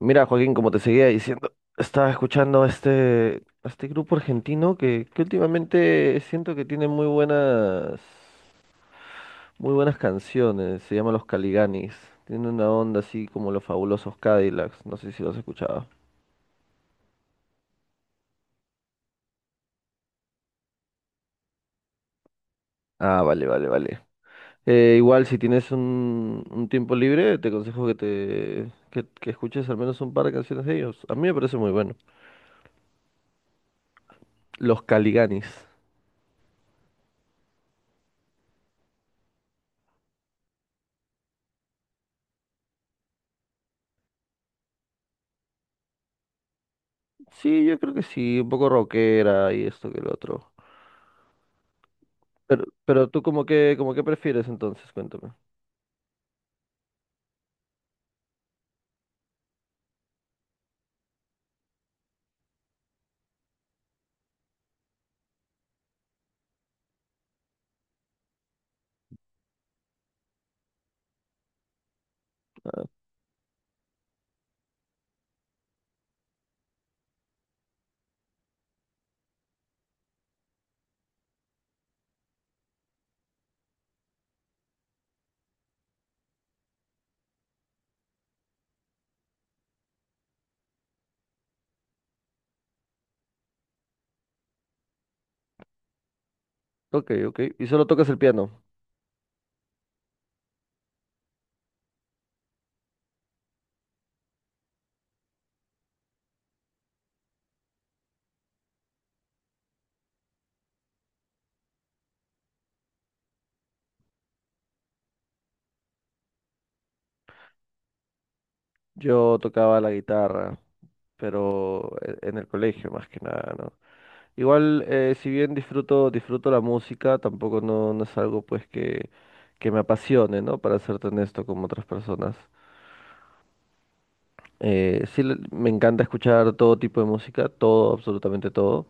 Mira, Joaquín, como te seguía diciendo, estaba escuchando a este grupo argentino que últimamente siento que tiene muy buenas canciones. Se llama Los Caliganis. Tiene una onda así como los Fabulosos Cadillacs. No sé si los has escuchado. Ah, vale, vale, vale. Igual, si tienes un tiempo libre, te aconsejo que que escuches al menos un par de canciones de ellos. A mí me parece muy bueno. Los Caliganis. Sí, yo creo que sí, un poco rockera y esto que el otro. Pero tú como que prefieres entonces, cuéntame. Ok, ok. ¿Y solo tocas el piano? Yo tocaba la guitarra, pero en el colegio más que nada, ¿no? Igual, si bien disfruto la música, tampoco no es algo pues que me apasione, ¿no? Para serte honesto como otras personas. Sí, me encanta escuchar todo tipo de música, todo, absolutamente todo.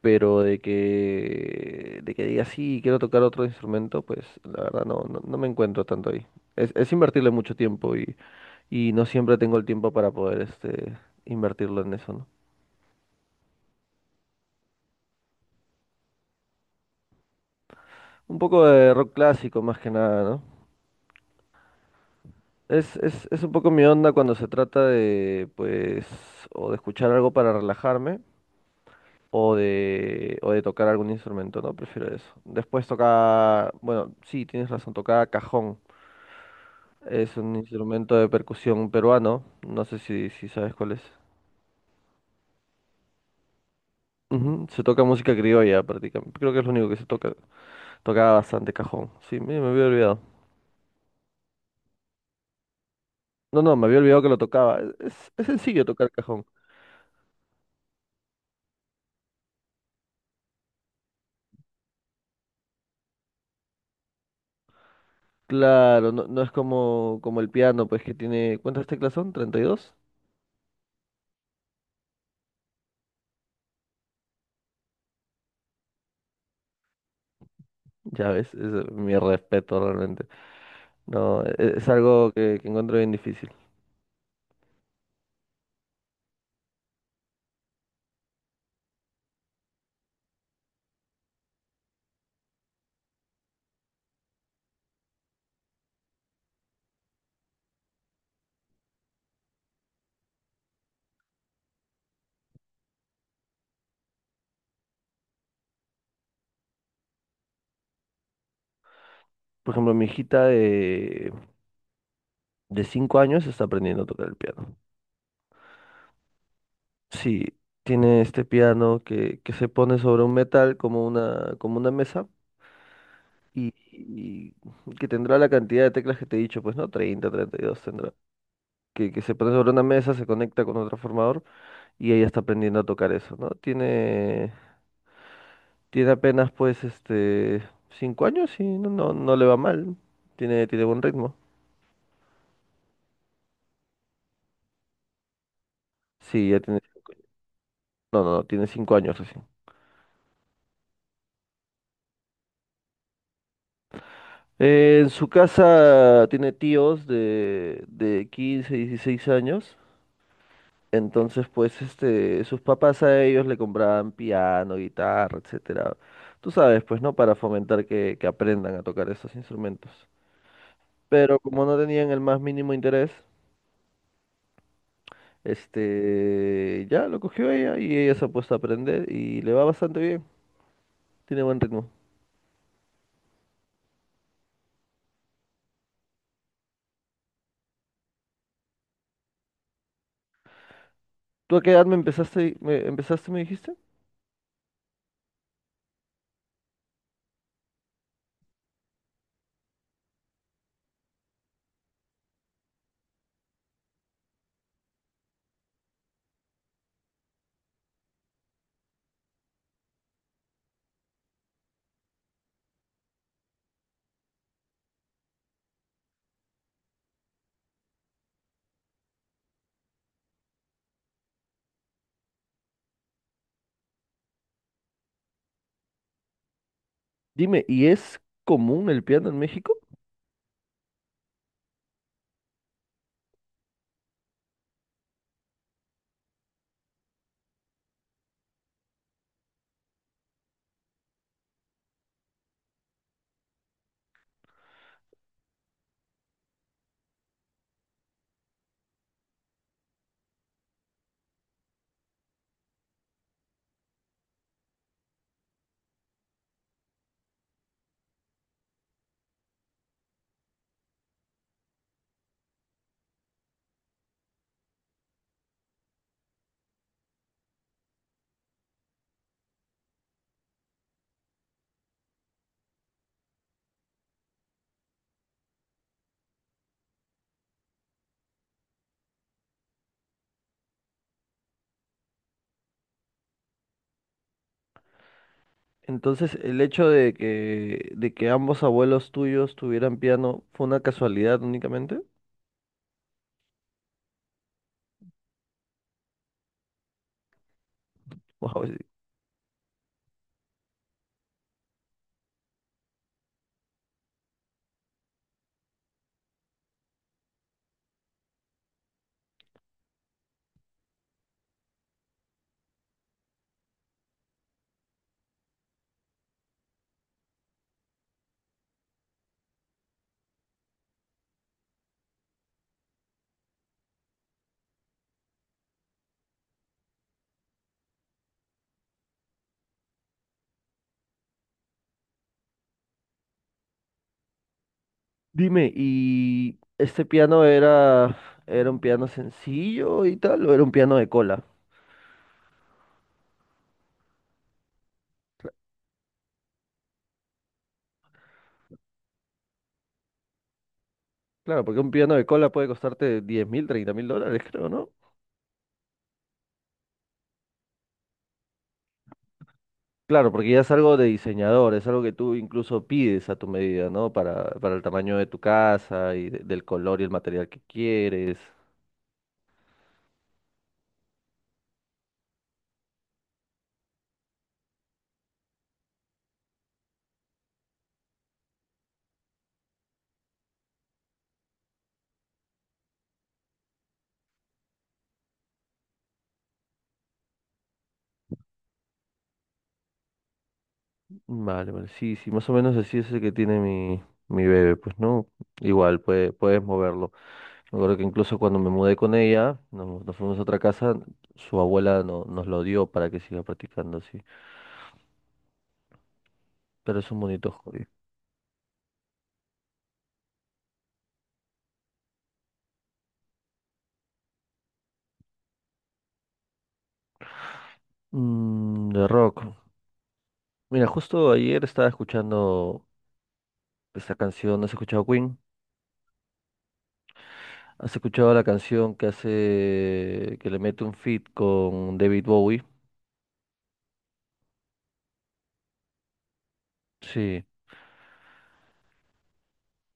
Pero de que diga, sí, quiero tocar otro instrumento, pues la verdad no, no me encuentro tanto ahí. Es invertirle mucho tiempo y no siempre tengo el tiempo para poder invertirlo en eso, ¿no? Un poco de rock clásico más que nada, ¿no? Es un poco mi onda cuando se trata de, pues, o de escuchar algo para relajarme o de tocar algún instrumento, ¿no? Prefiero eso. Después toca, bueno, sí, tienes razón, toca cajón. Es un instrumento de percusión peruano. No sé si sabes cuál es. Ujú, se toca música criolla prácticamente. Creo que es lo único que se toca. Tocaba bastante cajón. Sí, me había olvidado. No, no, me había olvidado que lo tocaba. Es sencillo tocar cajón. Claro, no, no es como el piano, pues que tiene… ¿Cuántas teclas son? 32. Ya ves, es mi respeto realmente. No, es algo que encuentro bien difícil. Por ejemplo, mi hijita de 5 años está aprendiendo a tocar el piano. Sí, tiene este piano que se pone sobre un metal como como una mesa y que tendrá la cantidad de teclas que te he dicho, pues no, 32 tendrá. Que se pone sobre una mesa, se conecta con otro formador y ella está aprendiendo a tocar eso, ¿no? Tiene, tiene apenas pues este 5 años y no, no, no le va mal, tiene, tiene buen ritmo. Sí, ya tiene 5 años. No, no, no, tiene 5 años recién. En su casa tiene tíos de 15, 16 años. Entonces, pues, este, sus papás a ellos le compraban piano, guitarra, etcétera. Tú sabes, pues, ¿no? Para fomentar que aprendan a tocar esos instrumentos. Pero como no tenían el más mínimo interés, este, ya lo cogió ella y ella se ha puesto a aprender y le va bastante bien. Tiene buen ritmo. ¿Tú a qué edad me dijiste? Dime, ¿y es común el piano en México? Entonces, el hecho de de que ambos abuelos tuyos tuvieran piano fue una casualidad únicamente. Wow. Dime, ¿y este piano era un piano sencillo y tal, o era un piano de cola? Claro, porque un piano de cola puede costarte 10.000, 30.000 dólares, creo, ¿no? Claro, porque ya es algo de diseñador, es algo que tú incluso pides a tu medida, ¿no? Para el tamaño de tu casa y del color y el material que quieres. Vale, vale, sí, sí, más o menos así es el que tiene mi bebé, pues, ¿no? Igual, puedes moverlo. Me acuerdo que incluso cuando me mudé con ella, nos fuimos a otra casa, su abuela nos lo dio para que siga practicando así. Pero es un bonito hobby. Mm, de rock. Mira, justo ayer estaba escuchando esta canción. ¿Has escuchado Queen? ¿Has escuchado la canción que hace, que le mete un feat con David Bowie? Sí.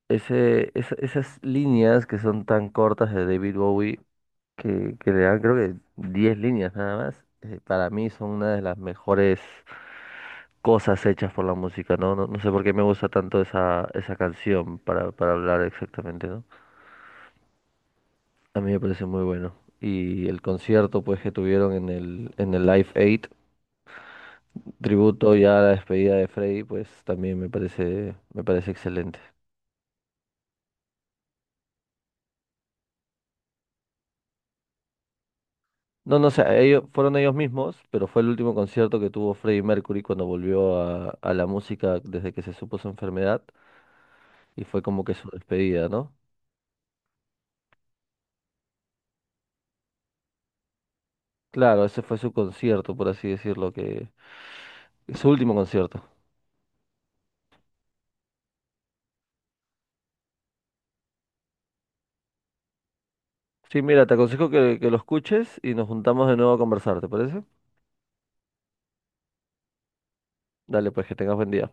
Ese, esas líneas que son tan cortas de David Bowie, que le dan creo que 10 líneas nada más, para mí son una de las mejores cosas hechas por la música, ¿no? No, no sé por qué me gusta tanto esa canción para hablar exactamente, ¿no? A mí me parece muy bueno. Y el concierto, pues, que tuvieron en en el Live Aid, tributo ya a la despedida de Freddy, pues también me parece excelente. No, no sé, ellos, fueron ellos mismos, pero fue el último concierto que tuvo Freddie Mercury cuando volvió a la música desde que se supo su enfermedad y fue como que su despedida, ¿no? Claro, ese fue su concierto, por así decirlo, que su último concierto. Sí, mira, te aconsejo que lo escuches y nos juntamos de nuevo a conversar, ¿te parece? Dale, pues que tengas buen día.